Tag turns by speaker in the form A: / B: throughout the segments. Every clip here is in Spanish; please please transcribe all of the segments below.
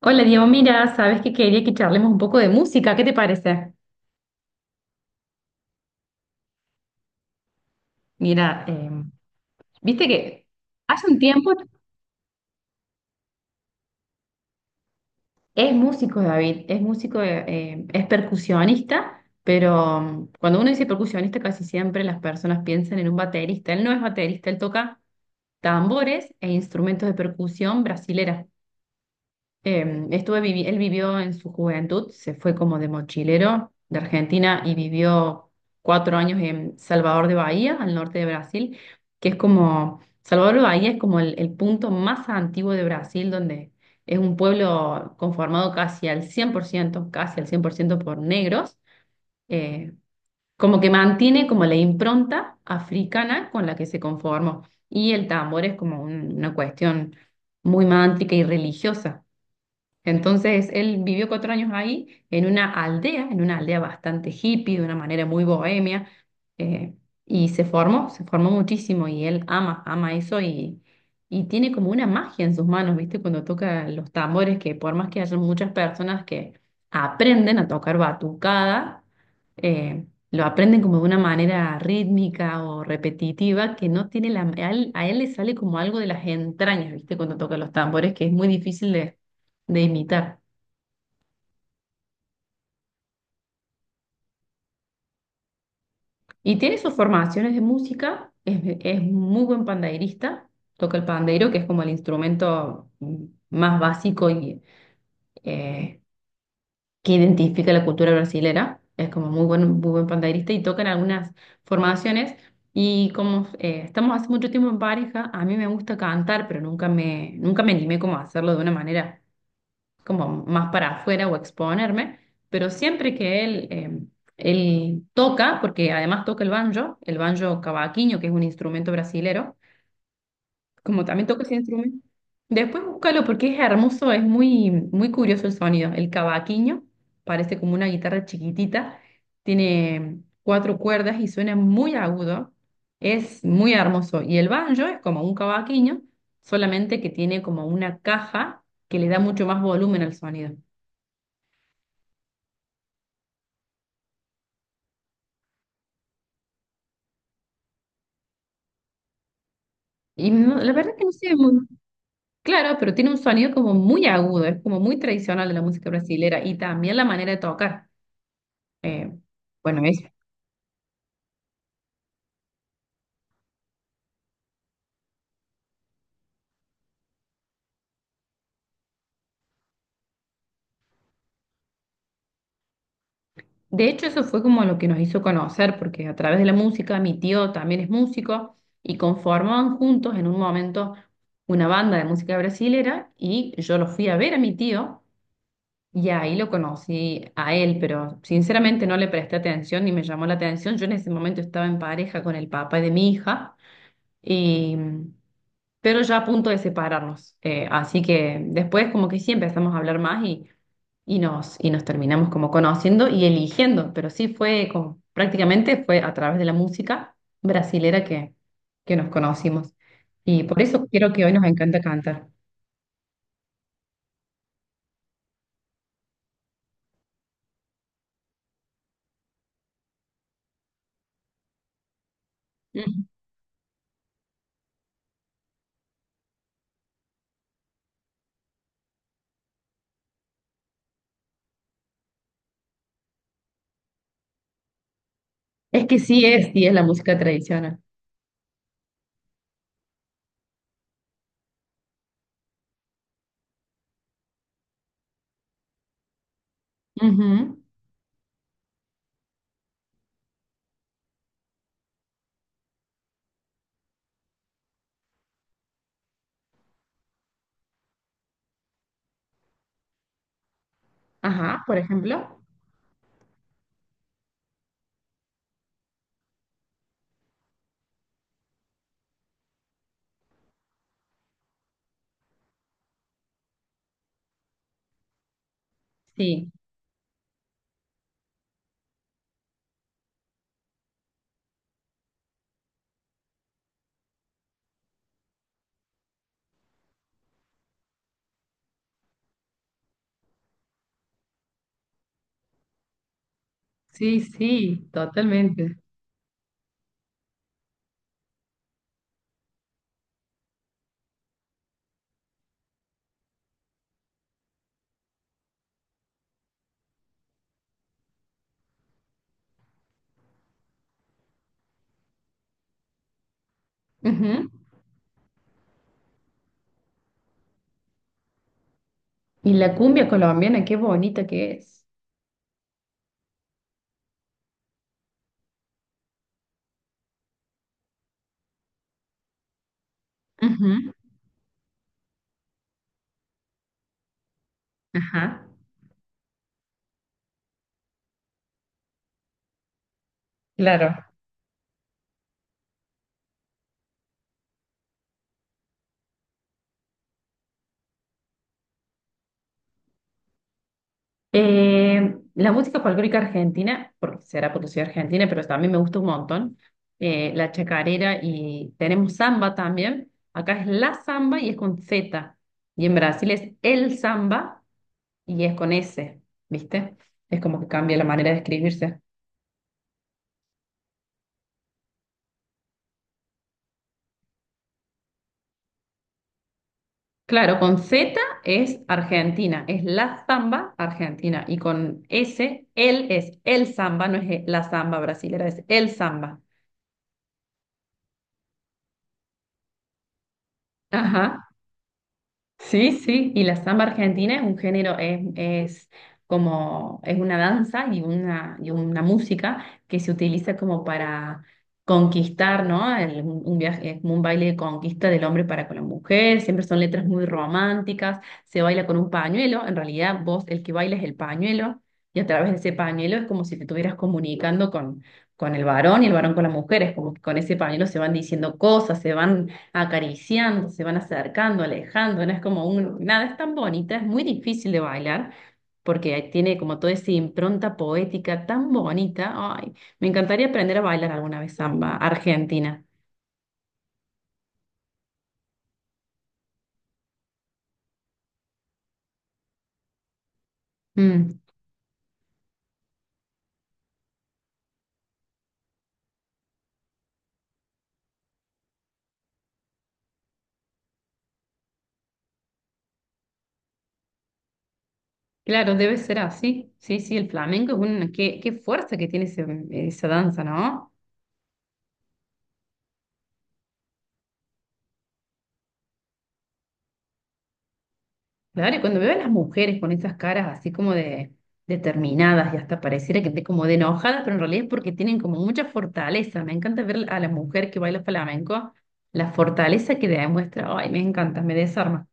A: Hola Diego, mira, sabes que quería que charlemos un poco de música, ¿qué te parece? Mira, viste que hace un tiempo es músico David, es músico, es percusionista, pero cuando uno dice percusionista casi siempre las personas piensan en un baterista, él no es baterista, él toca tambores e instrumentos de percusión brasileras. Él vivió en su juventud, se fue como de mochilero de Argentina y vivió cuatro años en Salvador de Bahía, al norte de Brasil, que es como, Salvador de Bahía es como el punto más antiguo de Brasil, donde es un pueblo conformado casi al 100%, casi al 100% por ciento por negros, eh, como que mantiene como la impronta africana con la que se conformó. Y el tambor es como una cuestión muy mántrica y religiosa. Entonces él vivió cuatro años ahí, en una aldea bastante hippie, de una manera muy bohemia, eh, y se formó muchísimo y él ama, ama eso y tiene como una magia en sus manos, ¿viste? Cuando toca los tambores, que por más que haya muchas personas que aprenden a tocar batucada, eh, lo aprenden como de una manera rítmica o repetitiva que no tiene la... a él le sale como algo de las entrañas, ¿viste? Cuando toca los tambores, que es muy difícil de imitar. Y tiene sus formaciones de música, es muy buen pandeirista, toca el pandeiro, que es como el instrumento más básico y eh, que identifica la cultura brasilera. Es como muy buen pandeirista y toca en algunas formaciones. Y como estamos hace mucho tiempo en pareja, a mí me gusta cantar, pero nunca me, nunca me animé como a hacerlo de una manera como más para afuera o exponerme, pero siempre que él, él toca, porque además toca el banjo cavaquinho, que es un instrumento brasilero, como también toca ese instrumento, después búscalo porque es hermoso, es muy, muy curioso el sonido. El cavaquinho parece como una guitarra chiquitita, tiene cuatro cuerdas y suena muy agudo, es muy hermoso. Y el banjo es como un cavaquinho, solamente que tiene como una caja que le da mucho más volumen al sonido. La verdad que no sé, muy claro, pero tiene un sonido como muy agudo, es como muy tradicional de la música brasilera y también la manera de tocar. Eh, bueno, es, de hecho eso fue como lo que nos hizo conocer, porque a través de la música mi tío también es músico y conformaban juntos en un momento una banda de música brasilera y yo lo fui a ver a mi tío y ahí lo conocí a él, pero sinceramente no le presté atención ni me llamó la atención. Yo en ese momento estaba en pareja con el papá de mi hija y... pero ya a punto de separarnos. Así que después como que sí empezamos a hablar más y nos terminamos como conociendo y eligiendo, pero sí fue como, prácticamente fue a través de la música brasilera que nos conocimos. Y por eso quiero que hoy nos encanta cantar. Ujú. Es que sí es la música tradicional. Ujú. Ajá, por ejemplo. Sí, sí, sí, totalmente. Ujú. Y la cumbia colombiana, qué bonita que es. Ujú. Ajá. Claro. La música folclórica argentina, porque será porque soy argentina, pero también me gusta un montón, la chacarera y tenemos samba también. Acá es la samba y es con Z. Y en Brasil es el samba y es con S, ¿viste? Es como que cambia la manera de escribirse. Claro, con Z es Argentina, es la samba Argentina. Y con S, él es el samba, no es la samba brasilera, es el samba. Ajá. Sí, sí, y la samba argentina es un género, es como, es una danza y una música que se utiliza como para conquistar, ¿no? Un viaje, es como un baile de conquista del hombre para con la mujer, siempre son letras muy románticas, se baila con un pañuelo, en realidad vos el que baila es el pañuelo, y a través de ese pañuelo es como si te estuvieras comunicando con el varón y el varón con la mujer, es como que con ese pañuelo se van diciendo cosas, se van acariciando, se van acercando, alejando, no es como un, nada, es tan bonita, es muy difícil de bailar porque tiene como toda esa impronta poética tan bonita. Ay, me encantaría aprender a bailar alguna vez samba argentina. Mm, claro, debe ser así. Sí, sí, el flamenco es una, qué, qué fuerza que tiene esa danza, ¿no? Claro, y cuando veo a las mujeres con esas caras así como de determinadas y hasta pareciera que esté como de enojadas, pero en realidad es porque tienen como mucha fortaleza. Me encanta ver a la mujer que baila flamenco, la fortaleza que demuestra. Ay, me encanta, me desarma.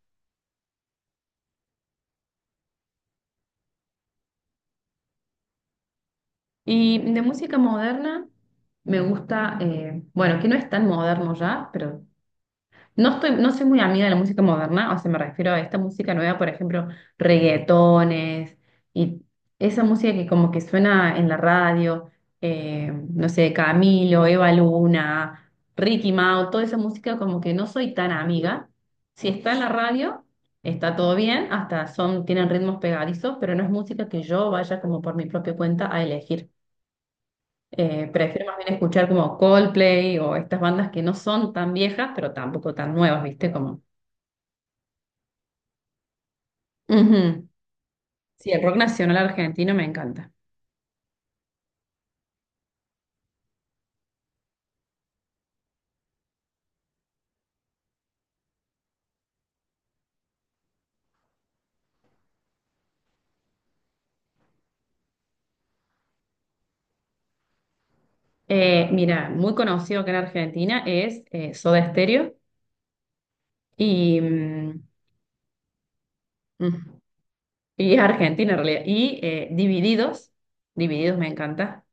A: Y de música moderna me gusta, bueno, que no es tan moderno ya, pero no estoy, no soy muy amiga de la música moderna, o sea, me refiero a esta música nueva, por ejemplo, reggaetones y esa música que como que suena en la radio, no sé, Camilo, Eva Luna, Ricky Mau, toda esa música como que no soy tan amiga. Si está en la radio, está todo bien, hasta son, tienen ritmos pegadizos, pero no es música que yo vaya como por mi propia cuenta a elegir. Prefiero más bien escuchar como Coldplay o estas bandas que no son tan viejas, pero tampoco tan nuevas, ¿viste? Como Ujú. Sí, el rock nacional argentino me encanta. Mira, muy conocido acá en Argentina es Soda Stereo y, mm, y es Argentina en realidad. Y Divididos, Divididos me encanta.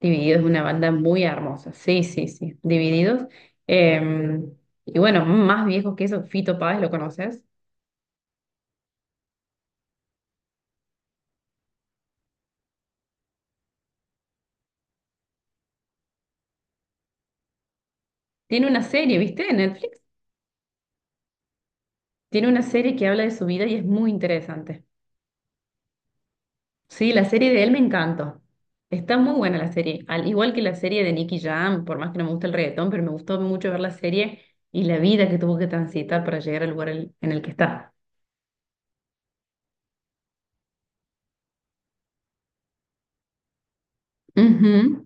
A: Divididos es una banda muy hermosa. Sí, sí, sí, Divididos. Eh, y bueno, más viejos que eso, Fito Páez, ¿lo conoces? Tiene una serie, ¿viste? En Netflix. Tiene una serie que habla de su vida y es muy interesante. Sí, la serie de él me encantó. Está muy buena la serie. Al igual que la serie de Nicky Jam, por más que no me gusta el reggaetón, pero me gustó mucho ver la serie y la vida que tuvo que transitar para llegar al lugar en el que está. Ujú.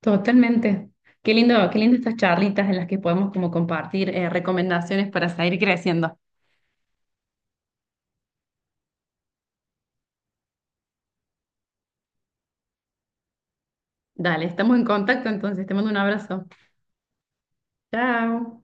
A: Totalmente. Qué lindo estas charlitas en las que podemos como compartir recomendaciones para seguir creciendo. Dale, estamos en contacto entonces. Te mando un abrazo. Chao.